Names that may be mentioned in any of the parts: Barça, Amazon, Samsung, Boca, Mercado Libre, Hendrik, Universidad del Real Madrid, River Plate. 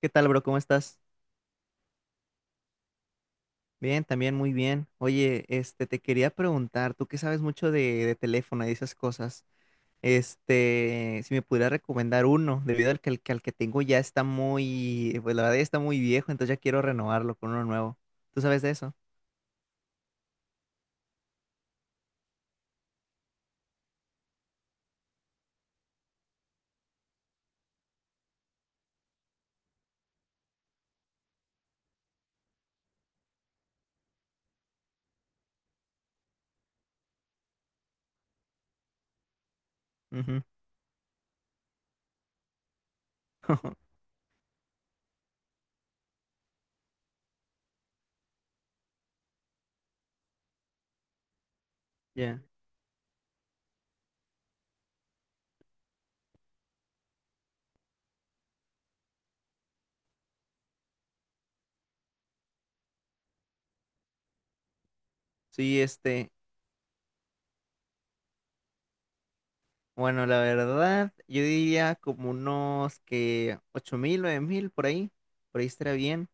¿Qué tal, bro? ¿Cómo estás? Bien, también muy bien. Oye, te quería preguntar, tú que sabes mucho de teléfono y de esas cosas, si me pudieras recomendar uno, debido al que tengo ya está muy, pues la verdad ya está muy viejo, entonces ya quiero renovarlo con uno nuevo. ¿Tú sabes de eso? Ujú. Ya. Sí, bueno, la verdad, yo diría como unos que 8,000, 9,000, por ahí estaría bien.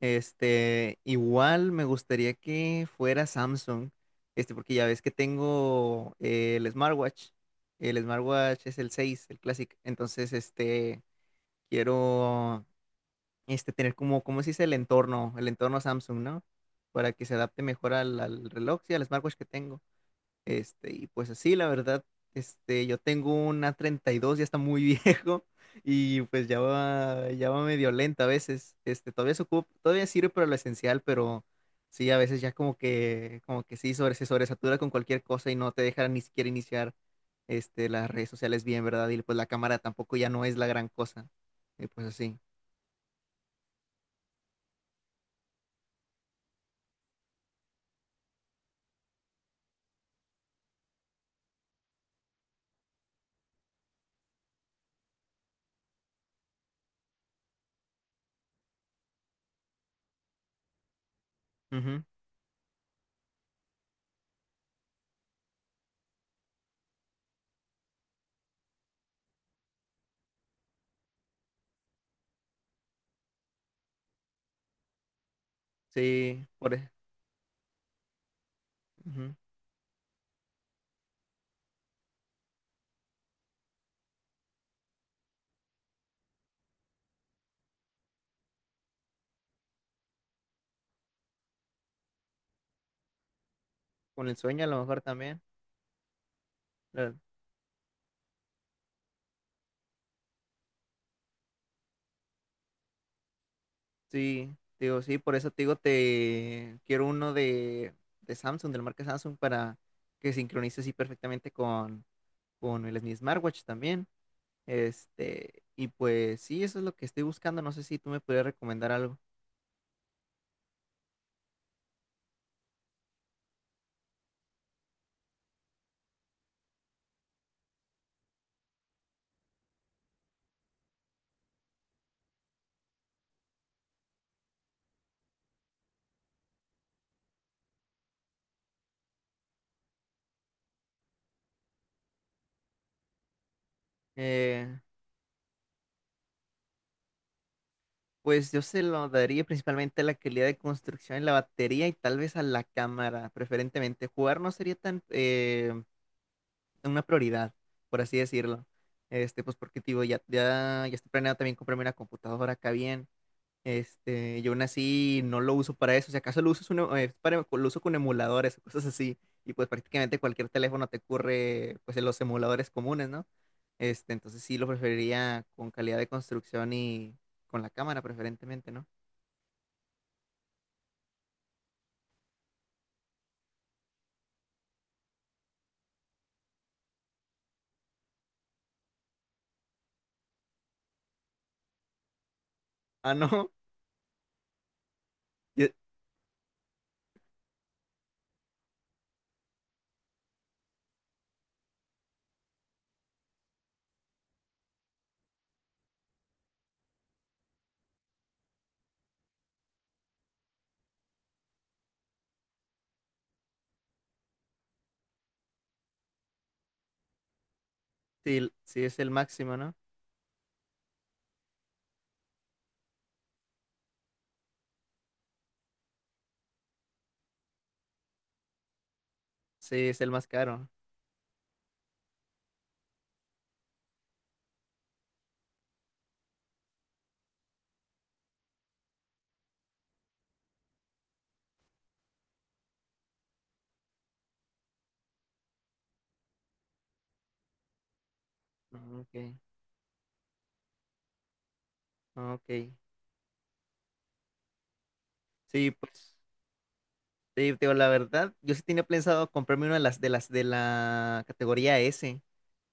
Igual me gustaría que fuera Samsung, porque ya ves que tengo el smartwatch. El smartwatch es el seis, el Classic. Entonces, quiero, tener como, ¿cómo se dice? El entorno Samsung, ¿no? Para que se adapte mejor al reloj, sí, al smartwatch que tengo. Y pues así, la verdad, yo tengo una 32, ya está muy viejo y pues ya va medio lenta a veces. Todavía se ocupa, todavía sirve para lo esencial, pero sí, a veces ya como que sí, se sobresatura con cualquier cosa y no te deja ni siquiera iniciar, las redes sociales bien, ¿verdad? Y pues la cámara tampoco ya no es la gran cosa. Y pues así. Ujú. Sí, ujú. Con el sueño a lo mejor también. la- Sí, digo, sí, por eso te digo, te quiero uno de Samsung, de la marca Samsung, para que sincronice así perfectamente con el, mi smartwatch también. Y pues sí, eso es lo que estoy buscando. No sé si tú me podrías recomendar algo. Eh, pues yo se lo daría principalmente a la calidad de construcción en la batería y tal vez a la cámara, preferentemente. Jugar no sería tan una prioridad, por así decirlo. Pues porque te digo, ya, ya, ya estoy planeado también comprarme una computadora acá bien. Yo aún así no lo uso para eso. Si acaso lo uso, es para, lo uso con emuladores o cosas así. Y pues prácticamente cualquier teléfono te ocurre pues en los emuladores comunes, ¿no? Entonces sí lo preferiría con calidad de construcción y con la cámara preferentemente, ¿no? Ah, no. Ye- Sí, sí es el máximo, ¿no? Sí, es el más caro. Ah, ok, ah, ok. Sí, pues. Sí, te digo, la verdad, yo sí tenía pensado comprarme una de las de la categoría S,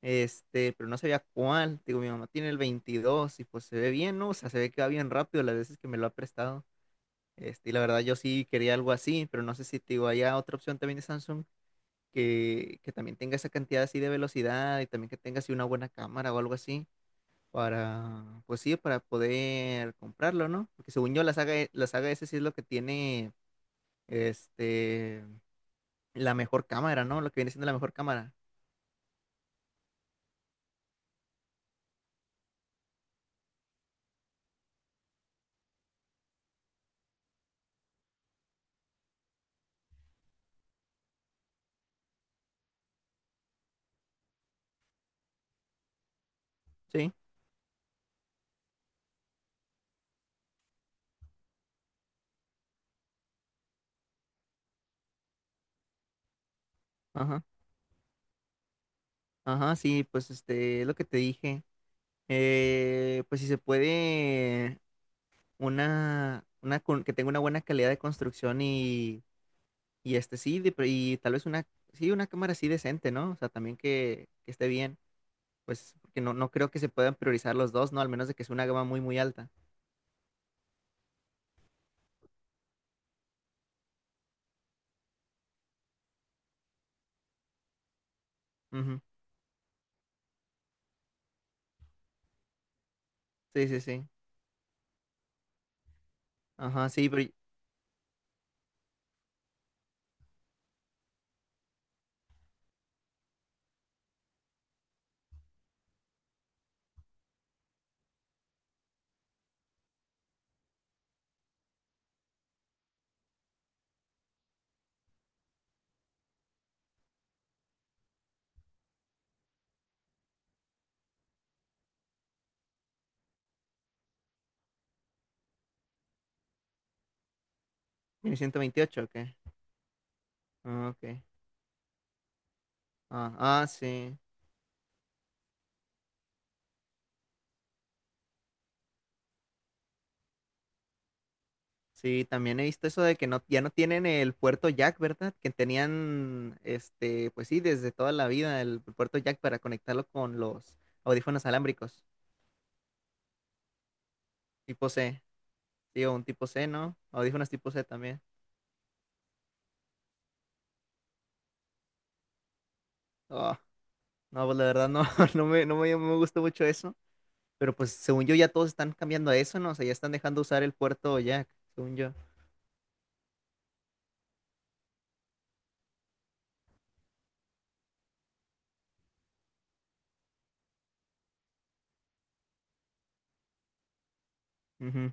pero no sabía cuál. Digo, mi mamá tiene el 22 y pues se ve bien, ¿no? O sea, se ve que va bien rápido las veces que me lo ha prestado. Y la verdad yo sí quería algo así, pero no sé si te digo, haya otra opción también de Samsung que también tenga esa cantidad así de velocidad y también que tenga así una buena cámara o algo así para, pues sí, para poder comprarlo, ¿no? Porque según yo la saga S sí es lo que tiene este la mejor cámara, ¿no? Lo que viene siendo la mejor cámara. Sí, ajá. Ajá, sí, pues es lo que te dije. Pues si se puede, que tenga una buena calidad de construcción y este sí, y tal vez una, sí, una cámara así decente, ¿no? O sea, también que esté bien. Pues porque no, no creo que se puedan priorizar los dos, ¿no? Al menos de que sea una gama muy, muy alta. Ujú. Sí, sí, sí. Ajá, sí, pero ¿viene 128 o qué? Ah, ok. Ah, ah, sí. Sí, también he visto eso de que no, ya no tienen el puerto Jack, ¿verdad? Que tenían, pues sí, desde toda la vida el puerto Jack para conectarlo con los audífonos alámbricos, tipo C, sí, o un tipo C, ¿no? Audífonos tipo C también. Oh, no, pues la verdad no, no me gustó mucho eso, pero pues según yo ya todos están cambiando a eso, ¿no? O sea, ya están dejando usar el puerto Jack, según yo. Ujú,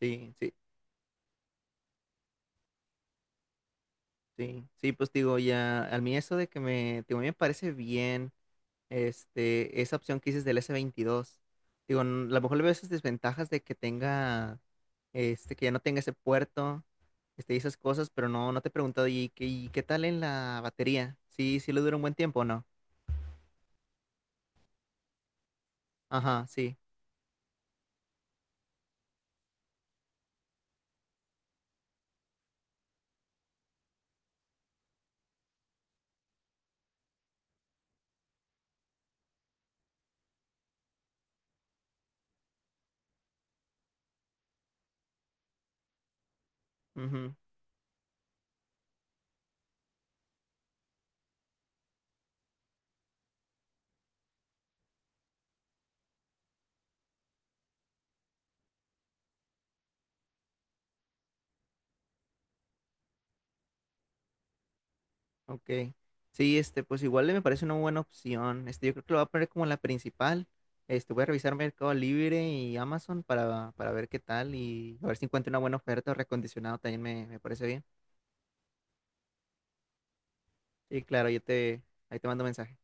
sí, sí, sí, sí, pues digo, ya, a mí eso de que me, digo, a mí me parece bien. Esa opción que dices del S22. Digo, a lo mejor le veo esas desventajas de que tenga, que ya no tenga ese puerto, y esas cosas, pero no, no te he preguntado, ¿y qué tal en la batería? Sí, sí le dura un buen tiempo, o ¿no? Ajá, sí. Ujú, ok. Sí, pues igual me parece una buena opción. Yo creo que lo voy a poner como la principal. Voy a revisar Mercado Libre y Amazon para ver qué tal y a ver si encuentro una buena oferta o recondicionado también me parece bien. Y claro, ahí te mando mensaje.